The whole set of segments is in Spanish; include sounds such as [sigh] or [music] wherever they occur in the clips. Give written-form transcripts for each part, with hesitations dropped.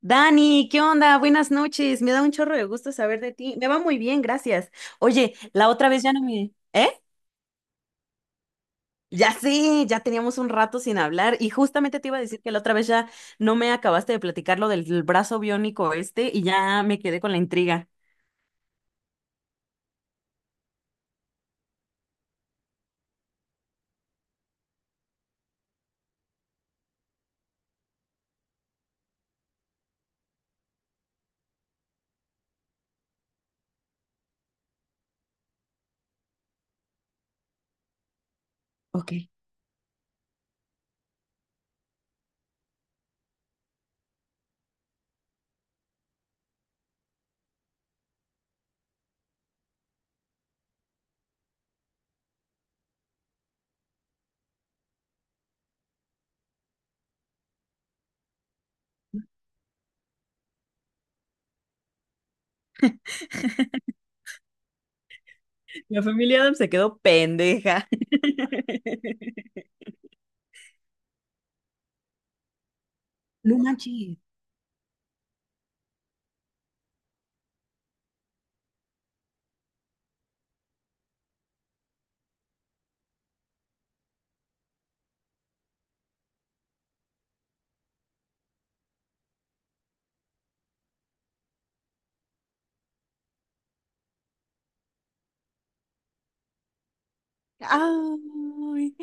Dani, ¿qué onda? Buenas noches. Me da un chorro de gusto saber de ti. Me va muy bien, gracias. Oye, la otra vez ya no me... ¿Eh? Ya sé, ya teníamos un rato sin hablar y justamente te iba a decir que la otra vez ya no me acabaste de platicar lo del brazo biónico este y ya me quedé con la intriga. Ok. La familia Adams se quedó pendeja. [laughs] No manches. Ay,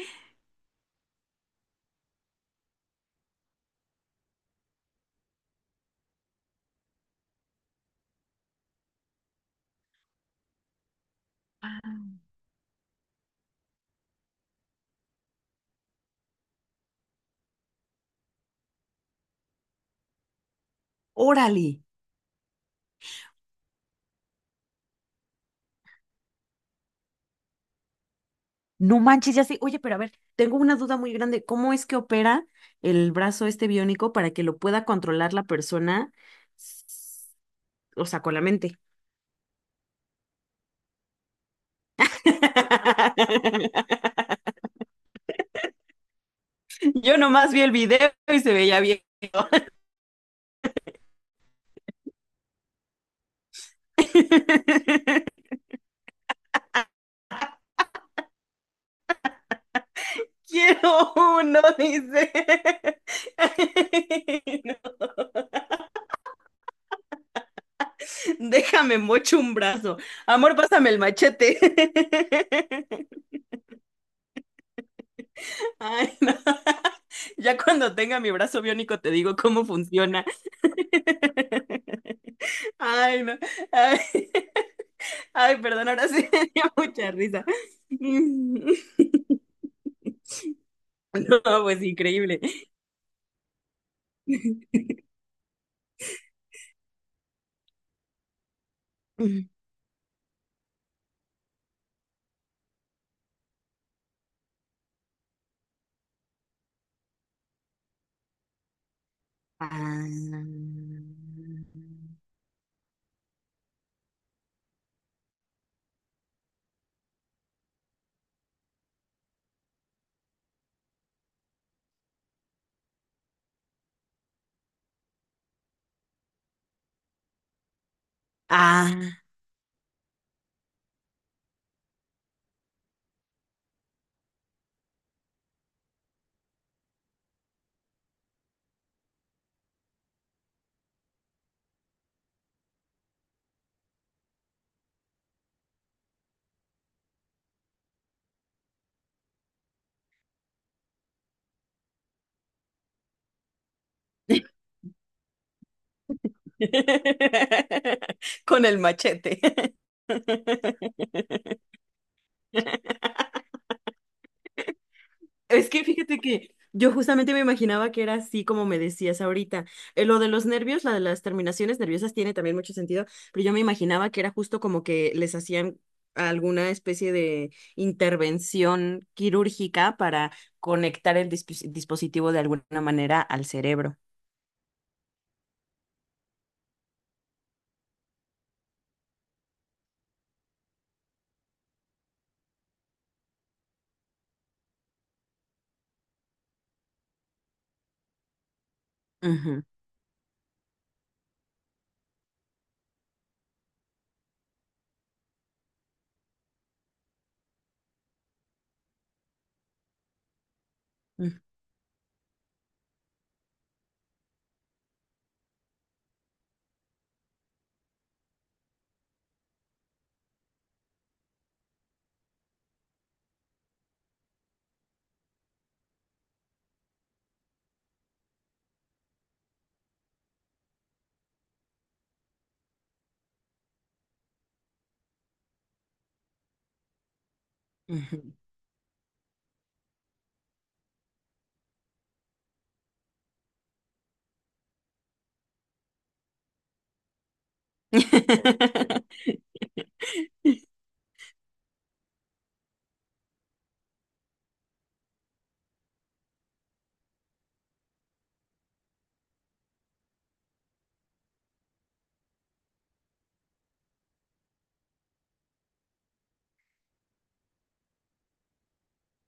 órale. No manches, ya sé. Oye, pero a ver, tengo una duda muy grande. ¿Cómo es que opera el brazo este biónico para que lo pueda controlar la persona? s- O sea, con la mente. [laughs] Yo nomás vi el video y se veía bien. [laughs] Quiero uno, dice. [laughs] Déjame mocho un brazo. Amor, pásame el machete. [laughs] Ay, no. [laughs] Ya cuando tenga mi brazo biónico te digo cómo funciona. [laughs] Ay, no. Ay, [laughs] ay, perdón, ahora sí [laughs] me dio mucha risa. [laughs] Mm. No, pues increíble. [laughs] Ah. Ah. [laughs] Con el machete. [laughs] Es que fíjate que yo justamente me imaginaba que era así como me decías ahorita. Lo de los nervios, la de las terminaciones nerviosas tiene también mucho sentido, pero yo me imaginaba que era justo como que les hacían alguna especie de intervención quirúrgica para conectar el dispositivo de alguna manera al cerebro. Ujú, ujú, ujú. [laughs]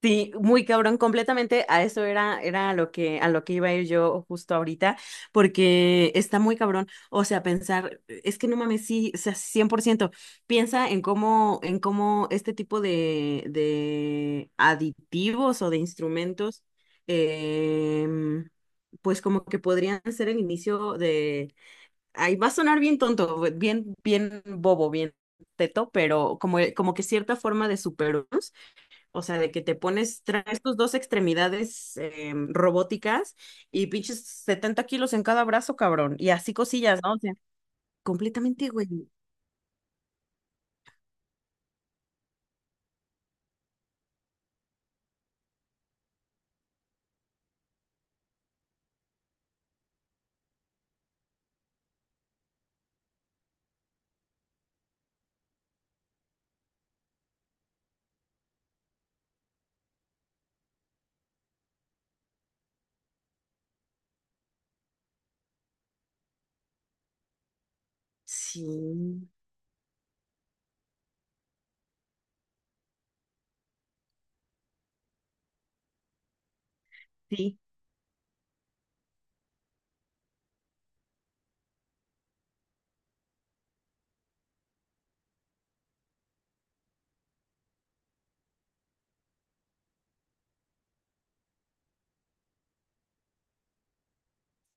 Sí, muy cabrón, completamente a eso era a lo que iba a ir yo justo ahorita, porque está muy cabrón. O sea, pensar, es que no mames, sí, o sea, 100%. Piensa en cómo este tipo de aditivos o de instrumentos, em, pues como que podrían ser el inicio de. Ahí va a sonar bien tonto, bien bobo, bien teto, pero como que cierta forma de superarnos, o sea, de que te pones, traes tus dos extremidades robóticas y pinches 70 kilos en cada brazo, cabrón. Y así cosillas, ¿no? O sea, completamente, güey. Sí, sí.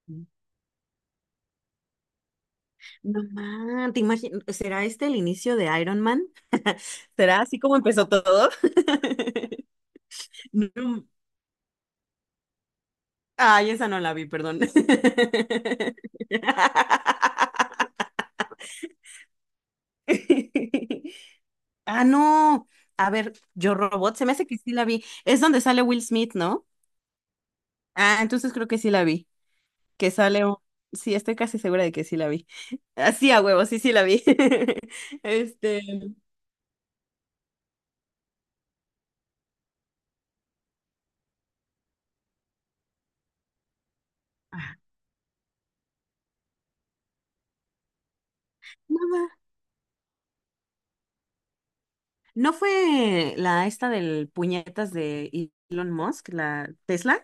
Sí. No man, te imagino, ¿será este el inicio de Iron Man? [laughs] ¿Será así como empezó todo? [laughs] No. Ay, esa no la vi, perdón. [laughs] Ah, no. A ver, Yo Robot, se me hace que sí la vi. Es donde sale Will Smith, ¿no? Ah, entonces creo que sí la vi. Que sale un... Sí, estoy casi segura de que sí la vi. Así a huevo, sí, sí la vi. [laughs] Este. Ah. No, ¿no fue la esta del puñetas de Elon Musk, la Tesla?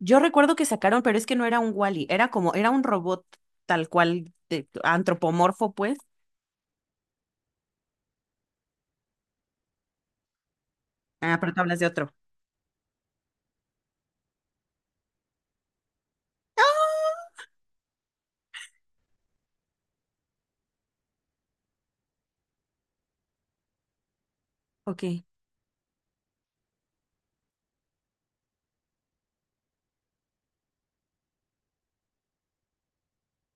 Yo recuerdo que sacaron, pero es que no era un Wall-E, era como, era un robot tal cual, antropomorfo, pues. Ah, pero tú hablas de otro. Ok,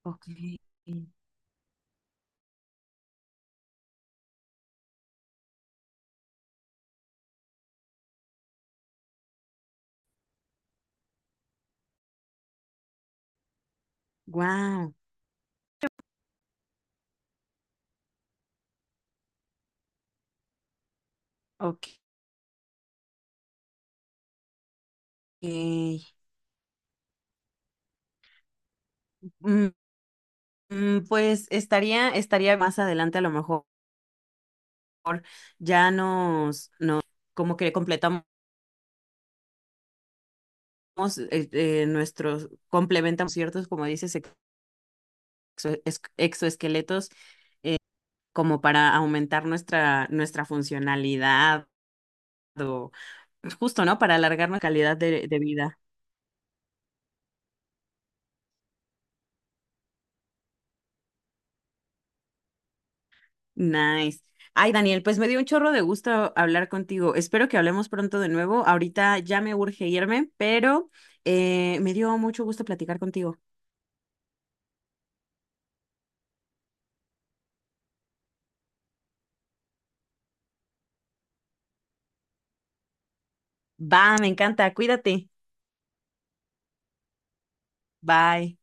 ok. Wow. Ok. Mm, pues estaría, estaría más adelante a lo mejor ya nos como que completamos nuestros, complementamos ciertos, como dices, exoesqueletos como para aumentar nuestra funcionalidad o justo, ¿no? Para alargar nuestra calidad de vida. Nice. Ay, Daniel, pues me dio un chorro de gusto hablar contigo. Espero que hablemos pronto de nuevo. Ahorita ya me urge irme, pero me dio mucho gusto platicar contigo. Va, me encanta. Cuídate. Bye.